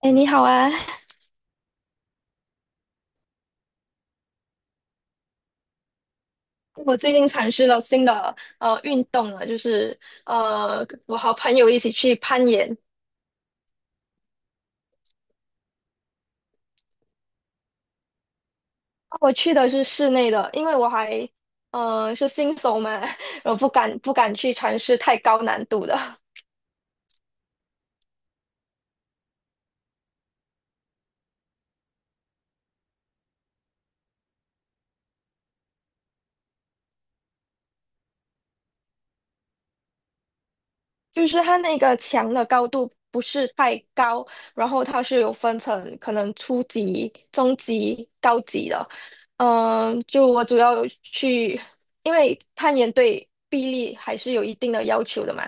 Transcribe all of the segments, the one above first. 哎，你好啊！我最近尝试了新的运动了，就是我和朋友一起去攀岩。我去的是室内的，因为我还是新手嘛，我不敢去尝试太高难度的。就是它那个墙的高度不是太高，然后它是有分成可能初级、中级、高级的。嗯，就我主要有去，因为攀岩对臂力还是有一定的要求的嘛，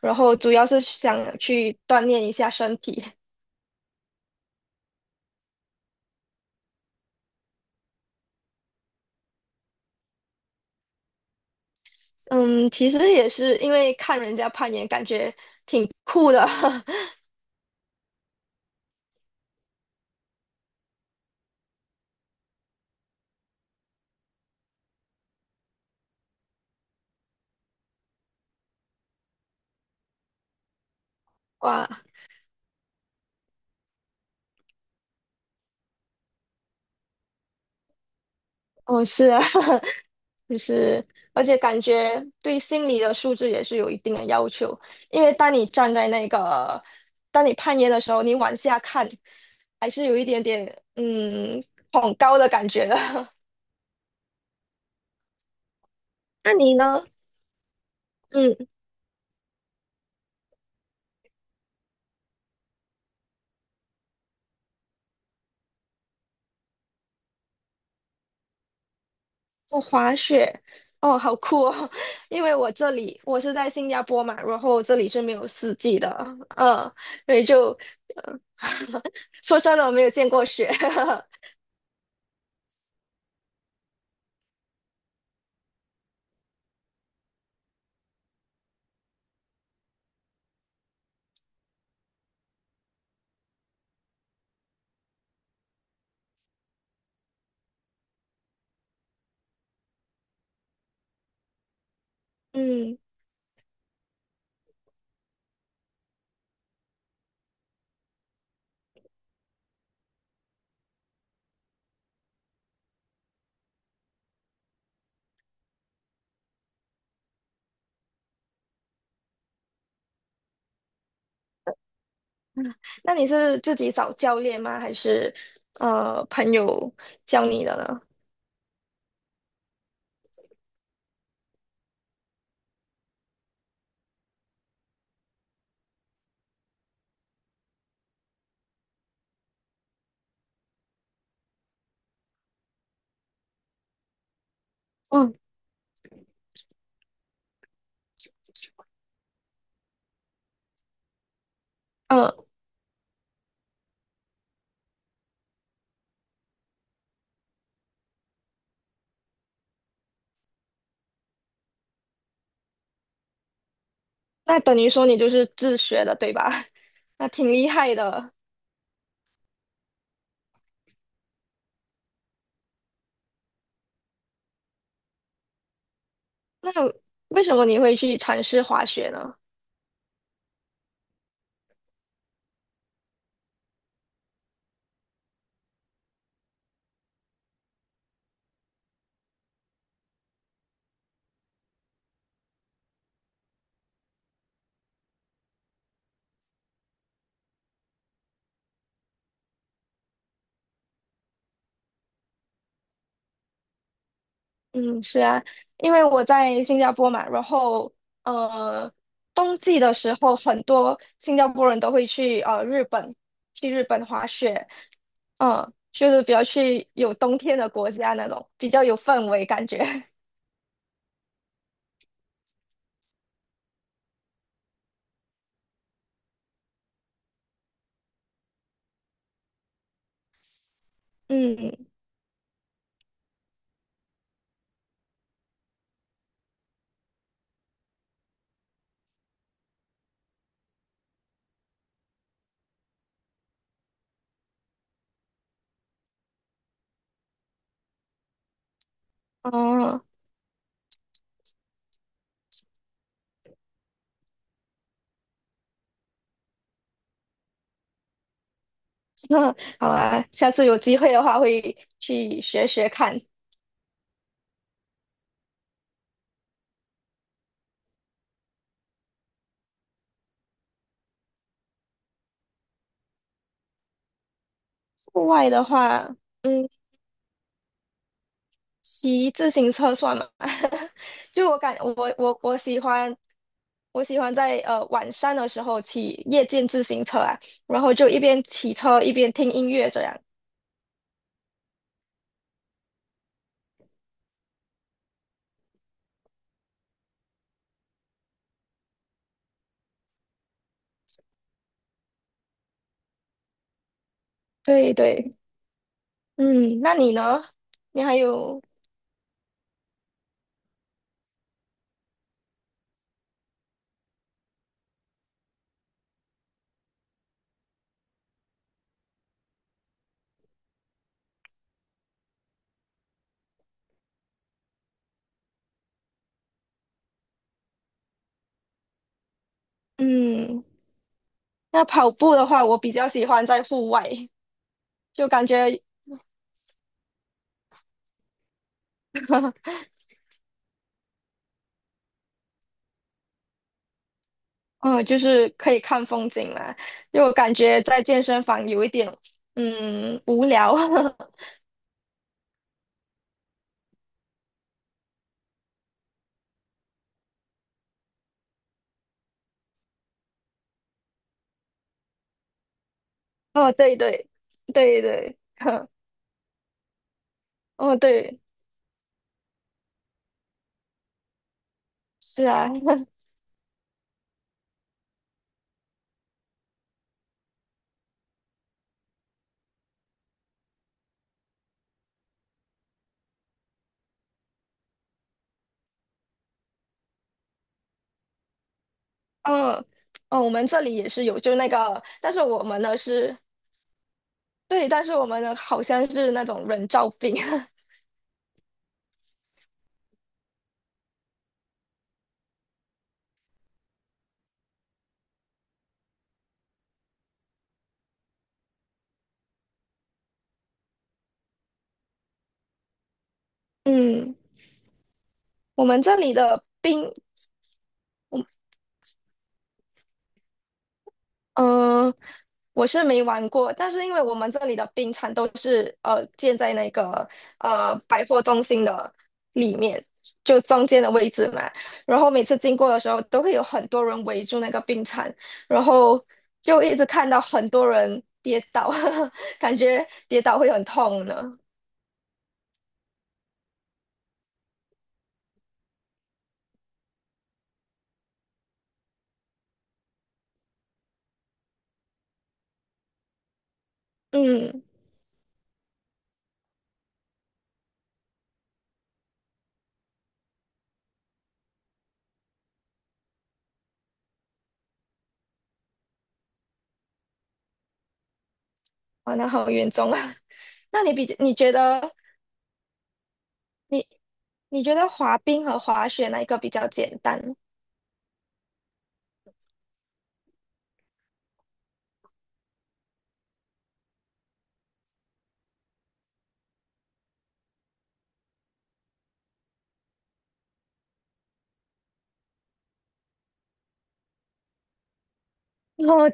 然后主要是想去锻炼一下身体。嗯，其实也是因为看人家攀岩，感觉挺酷的。哇，哦，是啊。就是，而且感觉对心理的素质也是有一定的要求，因为当你站在那个，当你攀岩的时候，你往下看，还是有一点点嗯恐高的感觉的。那你呢？嗯，我滑雪，哦，好酷哦！因为我这里我是在新加坡嘛，然后这里是没有四季的，嗯，所以就，呃 说真的，我没有见过雪，嗯。那你是自己找教练吗？还是朋友教你的呢？嗯嗯，那等于说你就是自学的，对吧？那挺厉害的。那为什么你会去尝试滑雪呢？嗯，是啊，因为我在新加坡嘛，然后呃，冬季的时候，很多新加坡人都会去日本，去日本滑雪，嗯，就是比较去有冬天的国家那种，比较有氛围感觉，嗯。嗯，好啊，下次有机会的话会去学学看。户外的话，嗯，骑自行车算吗？就我喜欢我喜欢在晚上的时候骑夜间自行车啊，然后就一边骑车一边听音乐这样。对对，嗯，那你呢？你还有嗯，那跑步的话，我比较喜欢在户外，就感觉嗯，就是可以看风景嘛，因为我感觉在健身房有一点，嗯，无聊。哦，对对对对，哦对，是啊，嗯哦，我们这里也是有，就那个，但是我们呢是，对，但是我们呢好像是那种人造冰，嗯，我们这里的冰呃，我是没玩过，但是因为我们这里的冰场都是建在那个百货中心的里面，就中间的位置嘛。然后每次经过的时候，都会有很多人围住那个冰场，然后就一直看到很多人跌倒，感觉跌倒会很痛呢。嗯，哇，那好严重啊。那你觉得你你觉得滑冰和滑雪哪一个比较简单？哦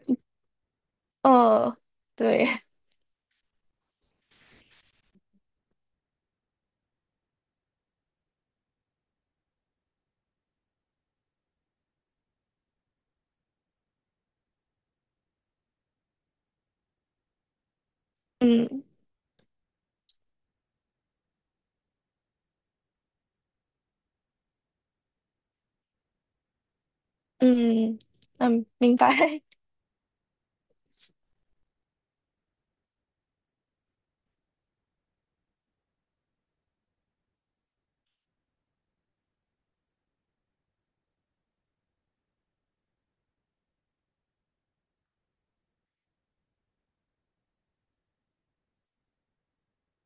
呃，对，嗯嗯嗯，明白，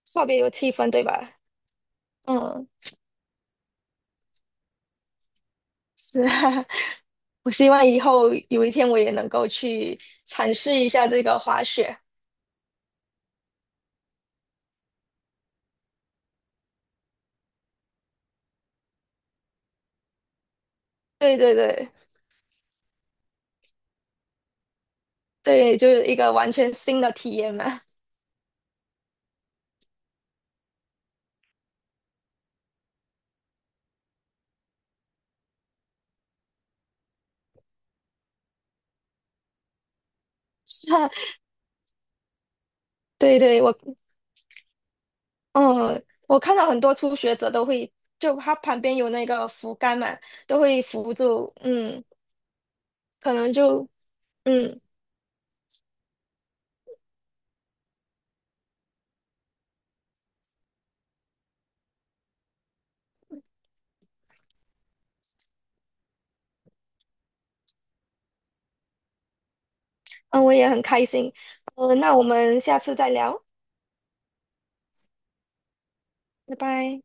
特别有气氛，对吧？嗯，是啊，我希望以后有一天我也能够去尝试一下这个滑雪。对对对，对，就是一个完全新的体验嘛。对对，我嗯，我看到很多初学者都会，就他旁边有那个扶杆嘛，都会扶住，嗯，可能就嗯嗯，我也很开心。那我们下次再聊，拜拜。